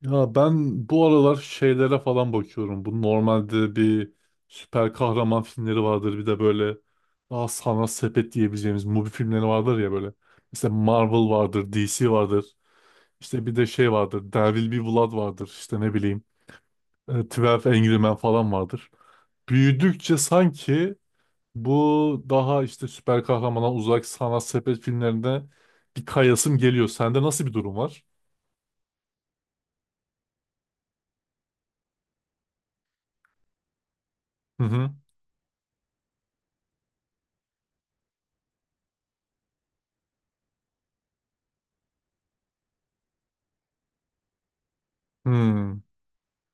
Ya ben bu aralar şeylere falan bakıyorum. Bu normalde bir süper kahraman filmleri vardır. Bir de böyle daha sanat sepet diyebileceğimiz Mubi filmleri vardır ya böyle. Mesela Marvel vardır, DC vardır. İşte bir de şey vardır. There Will Be Blood vardır. İşte ne bileyim. 12 Angry Men falan vardır. Büyüdükçe sanki bu daha işte süper kahramana uzak sanat sepet filmlerinde bir kayasım geliyor. Sende nasıl bir durum var? Hı hı. Hmm.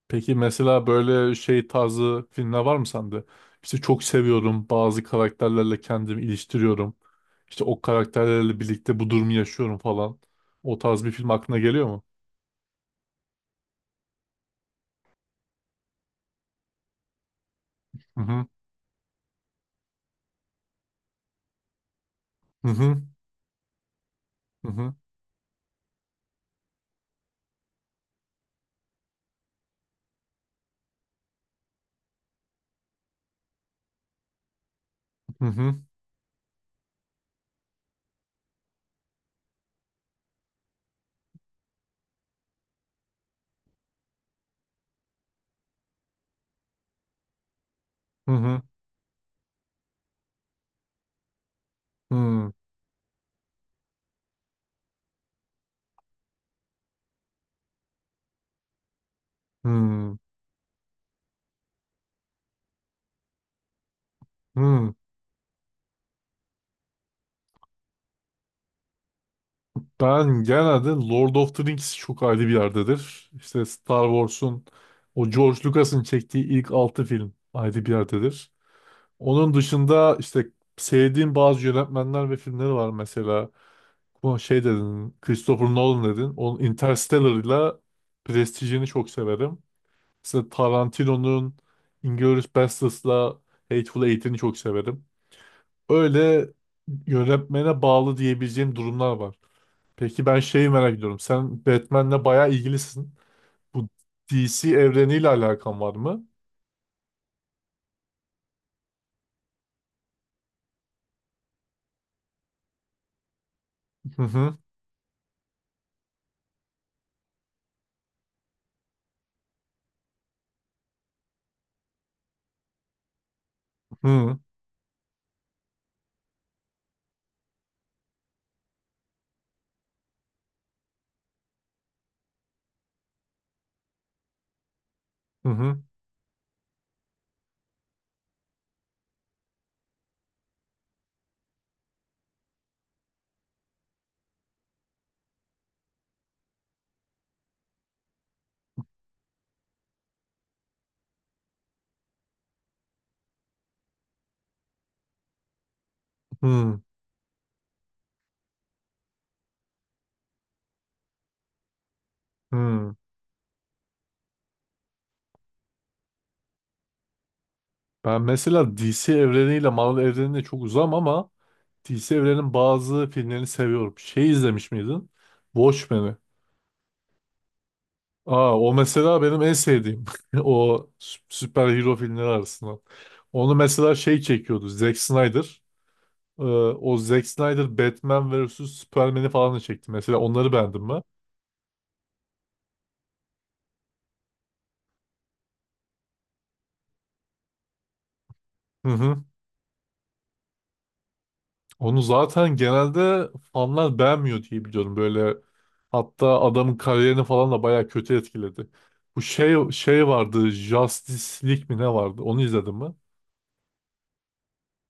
Peki mesela böyle şey tarzı filmler var mı sende? İşte çok seviyorum bazı karakterlerle kendimi iliştiriyorum. İşte o karakterlerle birlikte bu durumu yaşıyorum falan. O tarz bir film aklına geliyor mu? Hı hı, hı hı, hı hı, hı hı, hı hı, hı hı, hı. Ben genelde Lord of the Rings çok ayrı bir yerdedir. İşte Star Wars'un o George Lucas'ın çektiği ilk 6 film ayrı bir yerdedir. Onun dışında işte sevdiğim bazı yönetmenler ve filmleri var mesela. Bu şey dedin, Christopher Nolan dedin. Onun Interstellar'la Prestige'ini çok severim. Mesela Tarantino'nun Inglourious Basterds'la Hateful Eight'ini çok severim. Öyle yönetmene bağlı diyebileceğim durumlar var. Peki ben şeyi merak ediyorum. Sen Batman'le bayağı ilgilisin. Bu DC evreniyle alakan var mı? Hı hı, hı hı, hı hı. Hı. Ben mesela DC evreniyle Marvel evrenine çok uzam ama DC evrenin bazı filmlerini seviyorum. Şey izlemiş miydin? Watchmen'i. Aa, o mesela benim en sevdiğim. O süper hero filmleri arasında. Onu mesela şey çekiyordu. Zack Snyder. O Zack Snyder Batman vs. Superman'i falan da çekti. Mesela onları beğendim ben. Hı hı. Onu zaten genelde fanlar beğenmiyor diye biliyorum. Böyle hatta adamın kariyerini falan da bayağı kötü etkiledi. Bu şey vardı, Justice League mi ne vardı? Onu izledin mi?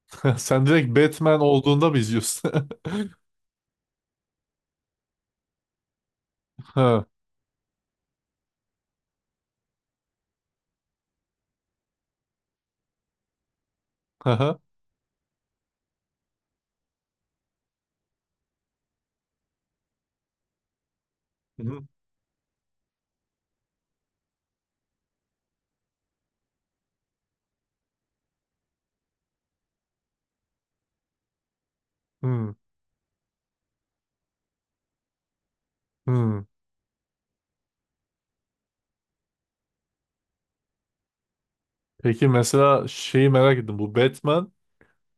Sen direkt Batman olduğunda mı izliyorsun? Ha, ha, hı, hı, hmm. Peki mesela şeyi merak ettim. Bu Batman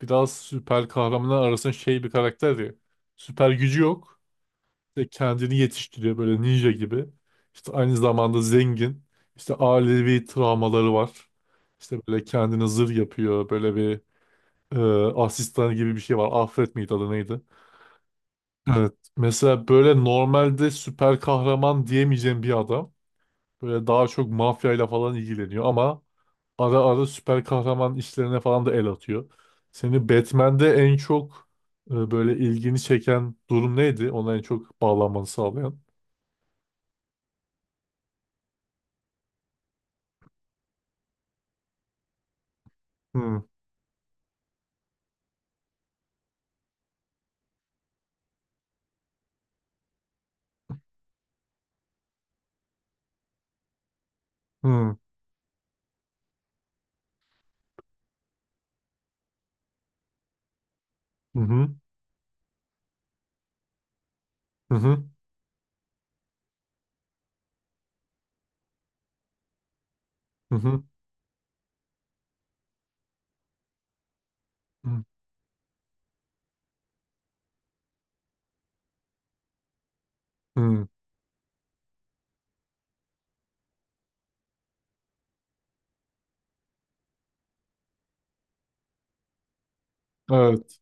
biraz süper kahramanlar arasında şey bir karakter ya. Süper gücü yok. İşte kendini yetiştiriyor böyle ninja gibi. İşte aynı zamanda zengin. İşte ailevi travmaları var. İşte böyle kendini zırh yapıyor. Böyle bir e, asistan gibi bir şey var. Alfred miydi adı neydi? Evet. Mesela böyle normalde süper kahraman diyemeyeceğim bir adam. Böyle daha çok mafyayla falan ilgileniyor ama ara ara süper kahraman işlerine falan da el atıyor. Seni Batman'de en çok böyle ilgini çeken durum neydi? Ona en çok bağlanmanı sağlayan. Hmm, hmm, hı hı, hı hı, hı hı, hı hı, evet,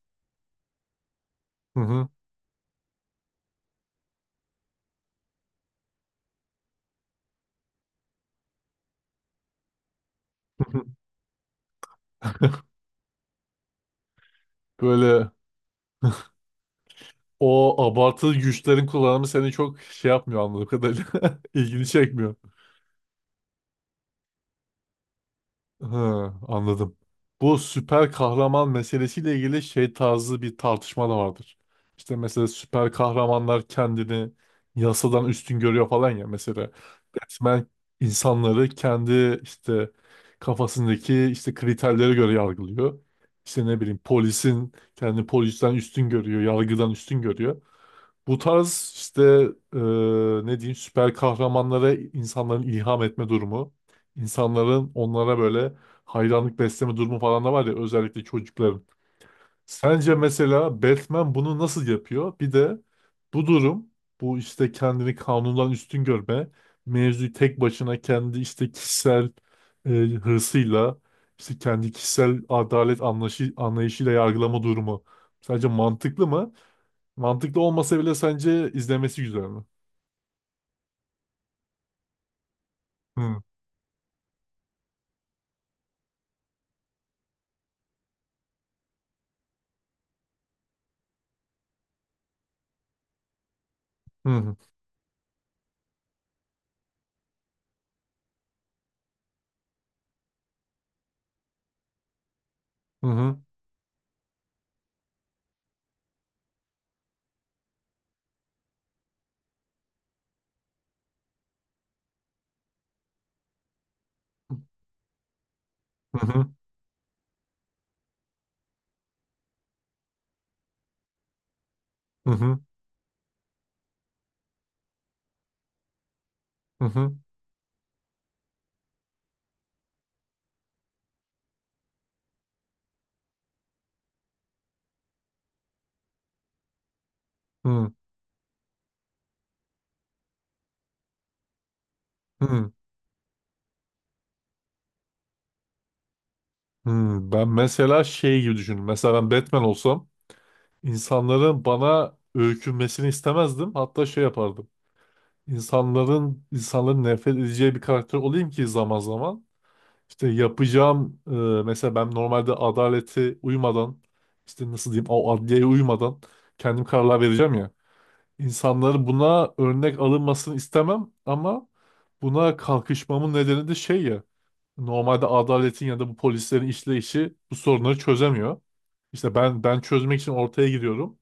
hı hı, hı hı. Böyle o abartılı güçlerin kullanımı seni çok şey yapmıyor anladığım kadarıyla. İlgini çekmiyor. Ha, anladım. Bu süper kahraman meselesiyle ilgili şey tarzı bir tartışma da vardır. İşte mesela süper kahramanlar kendini yasadan üstün görüyor falan ya. Mesela Batman insanları kendi işte kafasındaki işte kriterlere göre yargılıyor. İşte ne bileyim polisin kendi polisten üstün görüyor, yargıdan üstün görüyor. Bu tarz işte e, ne diyeyim süper kahramanlara insanların ilham etme durumu, insanların onlara böyle hayranlık besleme durumu falan da var ya, özellikle çocukların. Sence mesela Batman bunu nasıl yapıyor? Bir de bu durum, bu işte kendini kanundan üstün görme, mevzuyu tek başına kendi işte kişisel hırsıyla, işte kendi kişisel adalet anlayışı, anlayışıyla yargılama durumu. Sence mantıklı mı? Mantıklı olmasa bile sence izlemesi güzel mi? Hı hı, hı hı, hı hı, hı hı, hı hı, hı. Hı. Ben mesela şey gibi düşündüm. Mesela ben Batman olsam insanların bana öykünmesini istemezdim. Hatta şey yapardım. İnsanların insanların nefret edeceği bir karakter olayım ki zaman zaman işte yapacağım mesela ben normalde adalete uymadan işte nasıl diyeyim o adliyeye uymadan kendim kararlar vereceğim ya. İnsanların buna örnek alınmasını istemem ama buna kalkışmamın nedeni de şey ya, normalde adaletin ya da bu polislerin işleyişi bu sorunları çözemiyor. İşte ben çözmek için ortaya giriyorum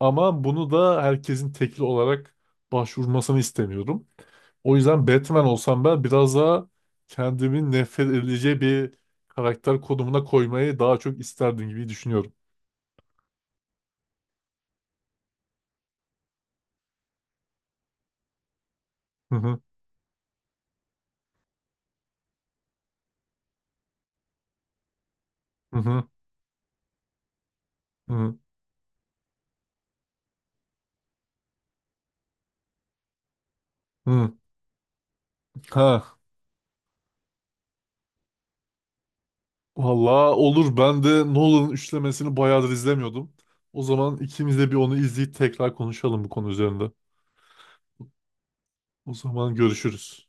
ama bunu da herkesin tekli olarak başvurmasını istemiyorum. O yüzden Batman olsam ben biraz daha kendimi nefret edileceği bir karakter konumuna koymayı daha çok isterdim gibi düşünüyorum. Hı hı, hı hı, hı. Hı. Ha. Valla olur. Ben de Nolan'ın üçlemesini bayağıdır izlemiyordum. O zaman ikimiz de bir onu izleyip tekrar konuşalım bu konu üzerinde. O zaman görüşürüz.